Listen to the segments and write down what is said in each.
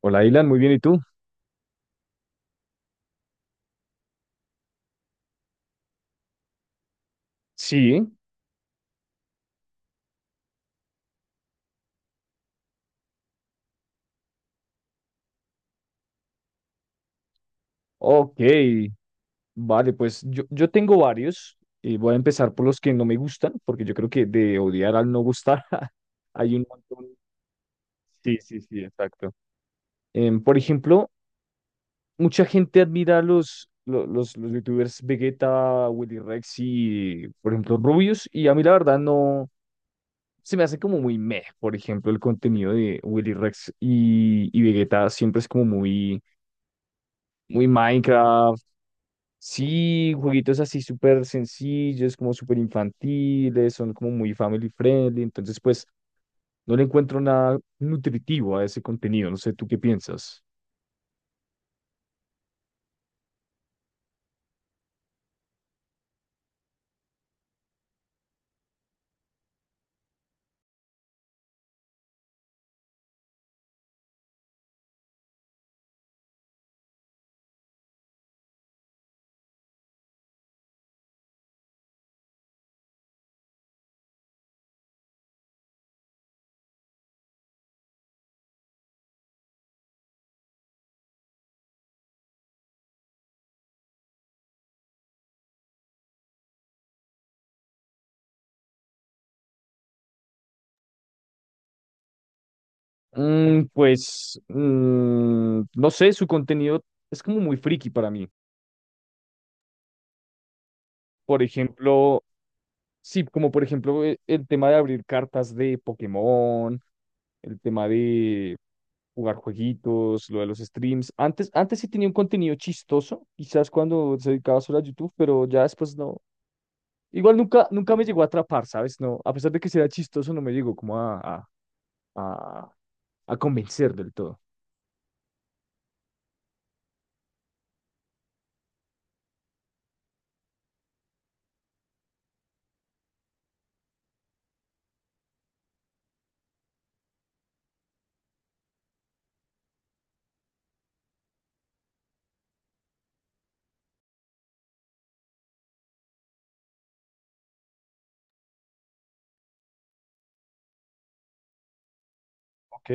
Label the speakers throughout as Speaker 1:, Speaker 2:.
Speaker 1: Hola, Ilan, muy bien, ¿y tú? Sí. Ok, vale, pues yo tengo varios y voy a empezar por los que no me gustan, porque yo creo que de odiar al no gustar hay un montón. Sí, sí, sí, exacto. Por ejemplo, mucha gente admira a los youtubers Vegeta, Willy Rex y, por ejemplo, Rubius, y a mí la verdad no, se me hace como muy meh. Por ejemplo, el contenido de Willy Rex y Vegeta siempre es como muy, muy Minecraft. Sí, jueguitos así súper sencillos, como súper infantiles, son como muy family friendly, entonces pues no le encuentro nada nutritivo a ese contenido. No sé, ¿tú qué piensas? Pues, no sé, su contenido es como muy friki para mí. Por ejemplo, sí, como por ejemplo, el tema de abrir cartas de Pokémon, el tema de jugar jueguitos, lo de los streams. Antes, antes sí tenía un contenido chistoso, quizás cuando se dedicaba solo a YouTube, pero ya después no. Igual nunca, nunca me llegó a atrapar, ¿sabes? No, a pesar de que sí era chistoso, no me llegó como a, a convencer del todo. Ok,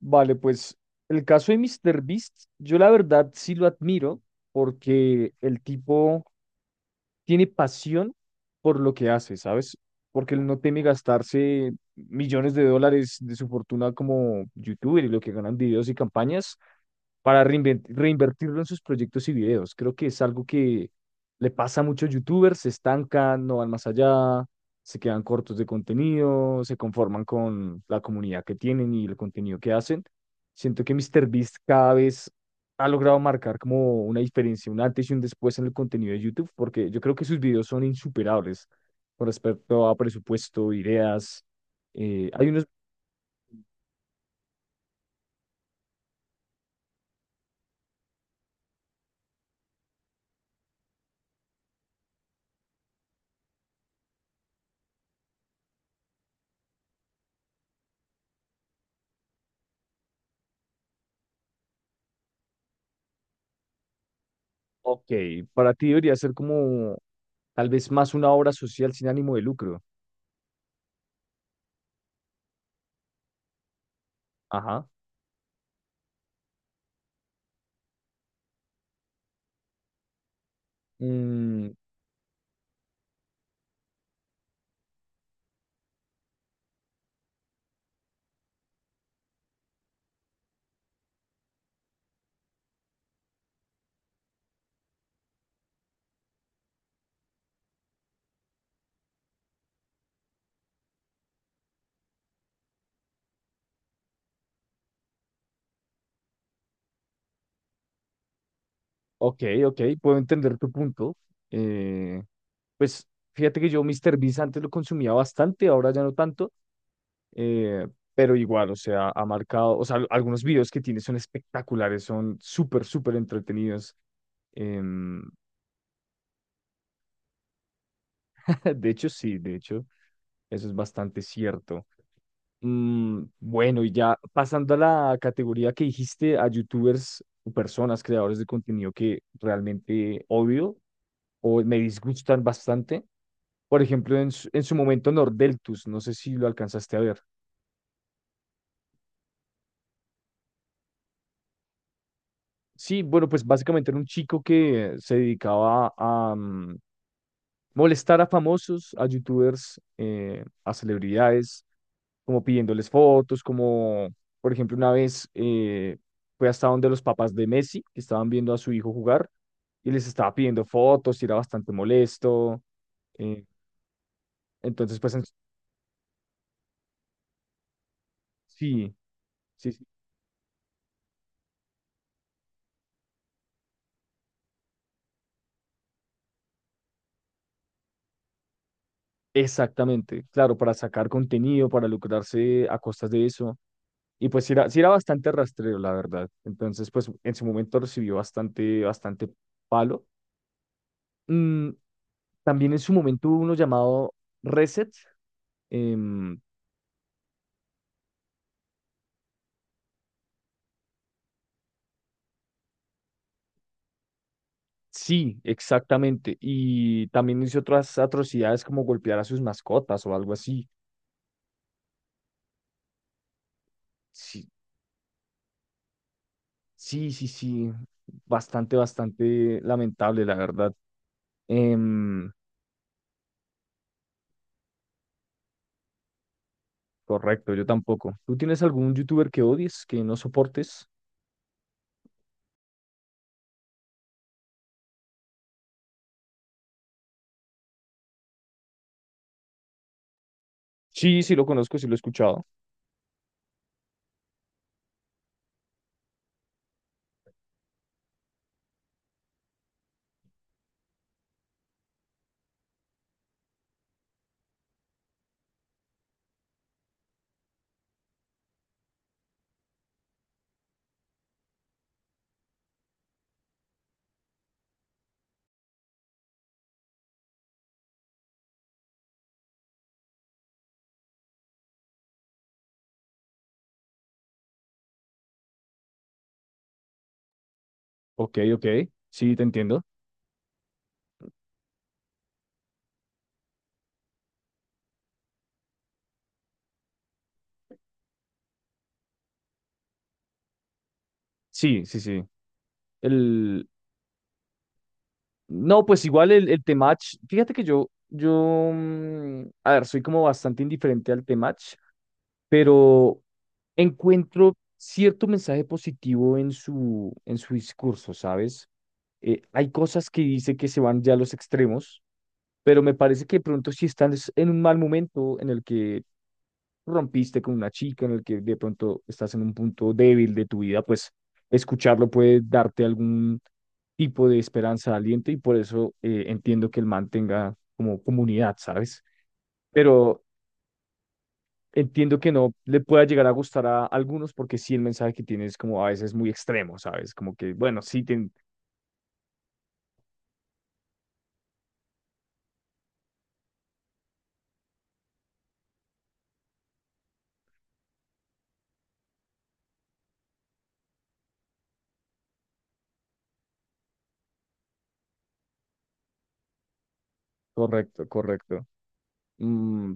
Speaker 1: vale, pues el caso de MrBeast, yo la verdad sí lo admiro porque el tipo tiene pasión por lo que hace, ¿sabes? Porque él no teme gastarse millones de dólares de su fortuna como youtuber y lo que ganan videos y campañas para reinvertirlo en sus proyectos y videos. Creo que es algo que le pasa a muchos youtubers: se estancan, no van más allá, se quedan cortos de contenido, se conforman con la comunidad que tienen y el contenido que hacen. Siento que MrBeast cada vez ha logrado marcar como una diferencia, un antes y un después en el contenido de YouTube, porque yo creo que sus videos son insuperables con respecto a presupuesto, ideas. Hay unos. Ok, para ti debería ser como tal vez más una obra social sin ánimo de lucro. Ajá. Mm, ok, ok, puedo entender tu punto. Eh, pues fíjate que yo Mr. Beast antes lo consumía bastante, ahora ya no tanto, eh, pero igual, o sea, ha marcado. O sea, algunos videos que tiene son espectaculares, son súper, súper entretenidos. Em, de hecho, sí, de hecho, eso es bastante cierto. Bueno, y ya pasando a la categoría que dijiste, a youtubers o personas, creadores de contenido que realmente odio o me disgustan bastante. Por ejemplo, en su momento Nordeltus, no sé si lo alcanzaste a ver. Sí, bueno, pues básicamente era un chico que se dedicaba a molestar a famosos, a youtubers, a celebridades, como pidiéndoles fotos, como por ejemplo una vez fue hasta donde los papás de Messi, que estaban viendo a su hijo jugar, y les estaba pidiendo fotos y era bastante molesto. eh, entonces, pues sí, sí, sí, exactamente, claro, para sacar contenido, para lucrarse a costas de eso. Y pues sí era bastante rastrero, la verdad. Entonces, pues en su momento recibió bastante, bastante palo. Mm, También en su momento hubo uno llamado Reset. em, sí, exactamente. Y también hizo otras atrocidades como golpear a sus mascotas o algo así. Sí, sí, sí, sí. Bastante, bastante lamentable, la verdad. Em, Correcto, yo tampoco. ¿Tú tienes algún youtuber que odies, que no soportes? Sí, sí, lo conozco, sí lo he escuchado. Ok, ok. Sí, te entiendo. Sí, sí, sí. el No, pues igual el Temach, fíjate que yo, a ver, soy como bastante indiferente al Temach, pero encuentro cierto mensaje positivo en su discurso, ¿sabes? Hay cosas que dice que se van ya a los extremos, pero me parece que de pronto sí están en un mal momento en el que rompiste con una chica, en el que de pronto estás en un punto débil de tu vida. Pues escucharlo puede darte algún tipo de esperanza, de aliento, y por eso entiendo que el man tenga como comunidad, ¿sabes? Pero entiendo que no le pueda llegar a gustar a algunos, porque sí, el mensaje que tiene es como a veces muy extremo, ¿sabes? Como que, bueno, sí, correcto, correcto. Mm,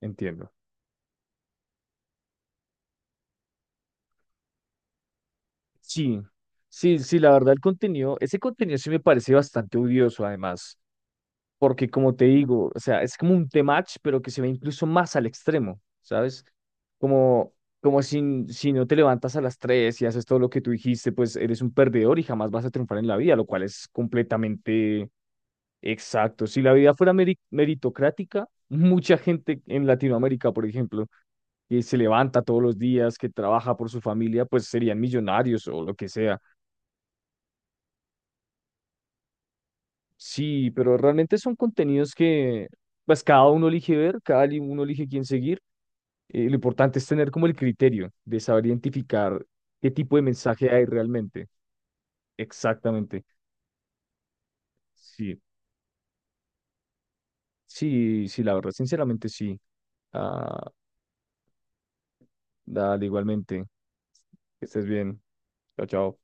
Speaker 1: Entiendo. Sí, sí, sí, la verdad el contenido, ese contenido sí me parece bastante odioso, además porque como te digo, o sea, es como un tematch, pero que se ve incluso más al extremo, ¿sabes? Como, como si, no te levantas a las 3 y haces todo lo que tú dijiste, pues eres un perdedor y jamás vas a triunfar en la vida, lo cual es completamente exacto. Si la vida fuera meritocrática, mucha gente en Latinoamérica, por ejemplo, que se levanta todos los días, que trabaja por su familia, pues serían millonarios o lo que sea. Sí, pero realmente son contenidos que pues cada uno elige ver, cada uno elige quién seguir. Lo importante es tener como el criterio de saber identificar qué tipo de mensaje hay realmente. Exactamente. Sí, sí, sí, la verdad, sinceramente sí. Ah, dale, igualmente. Que estés bien. Chao, chao.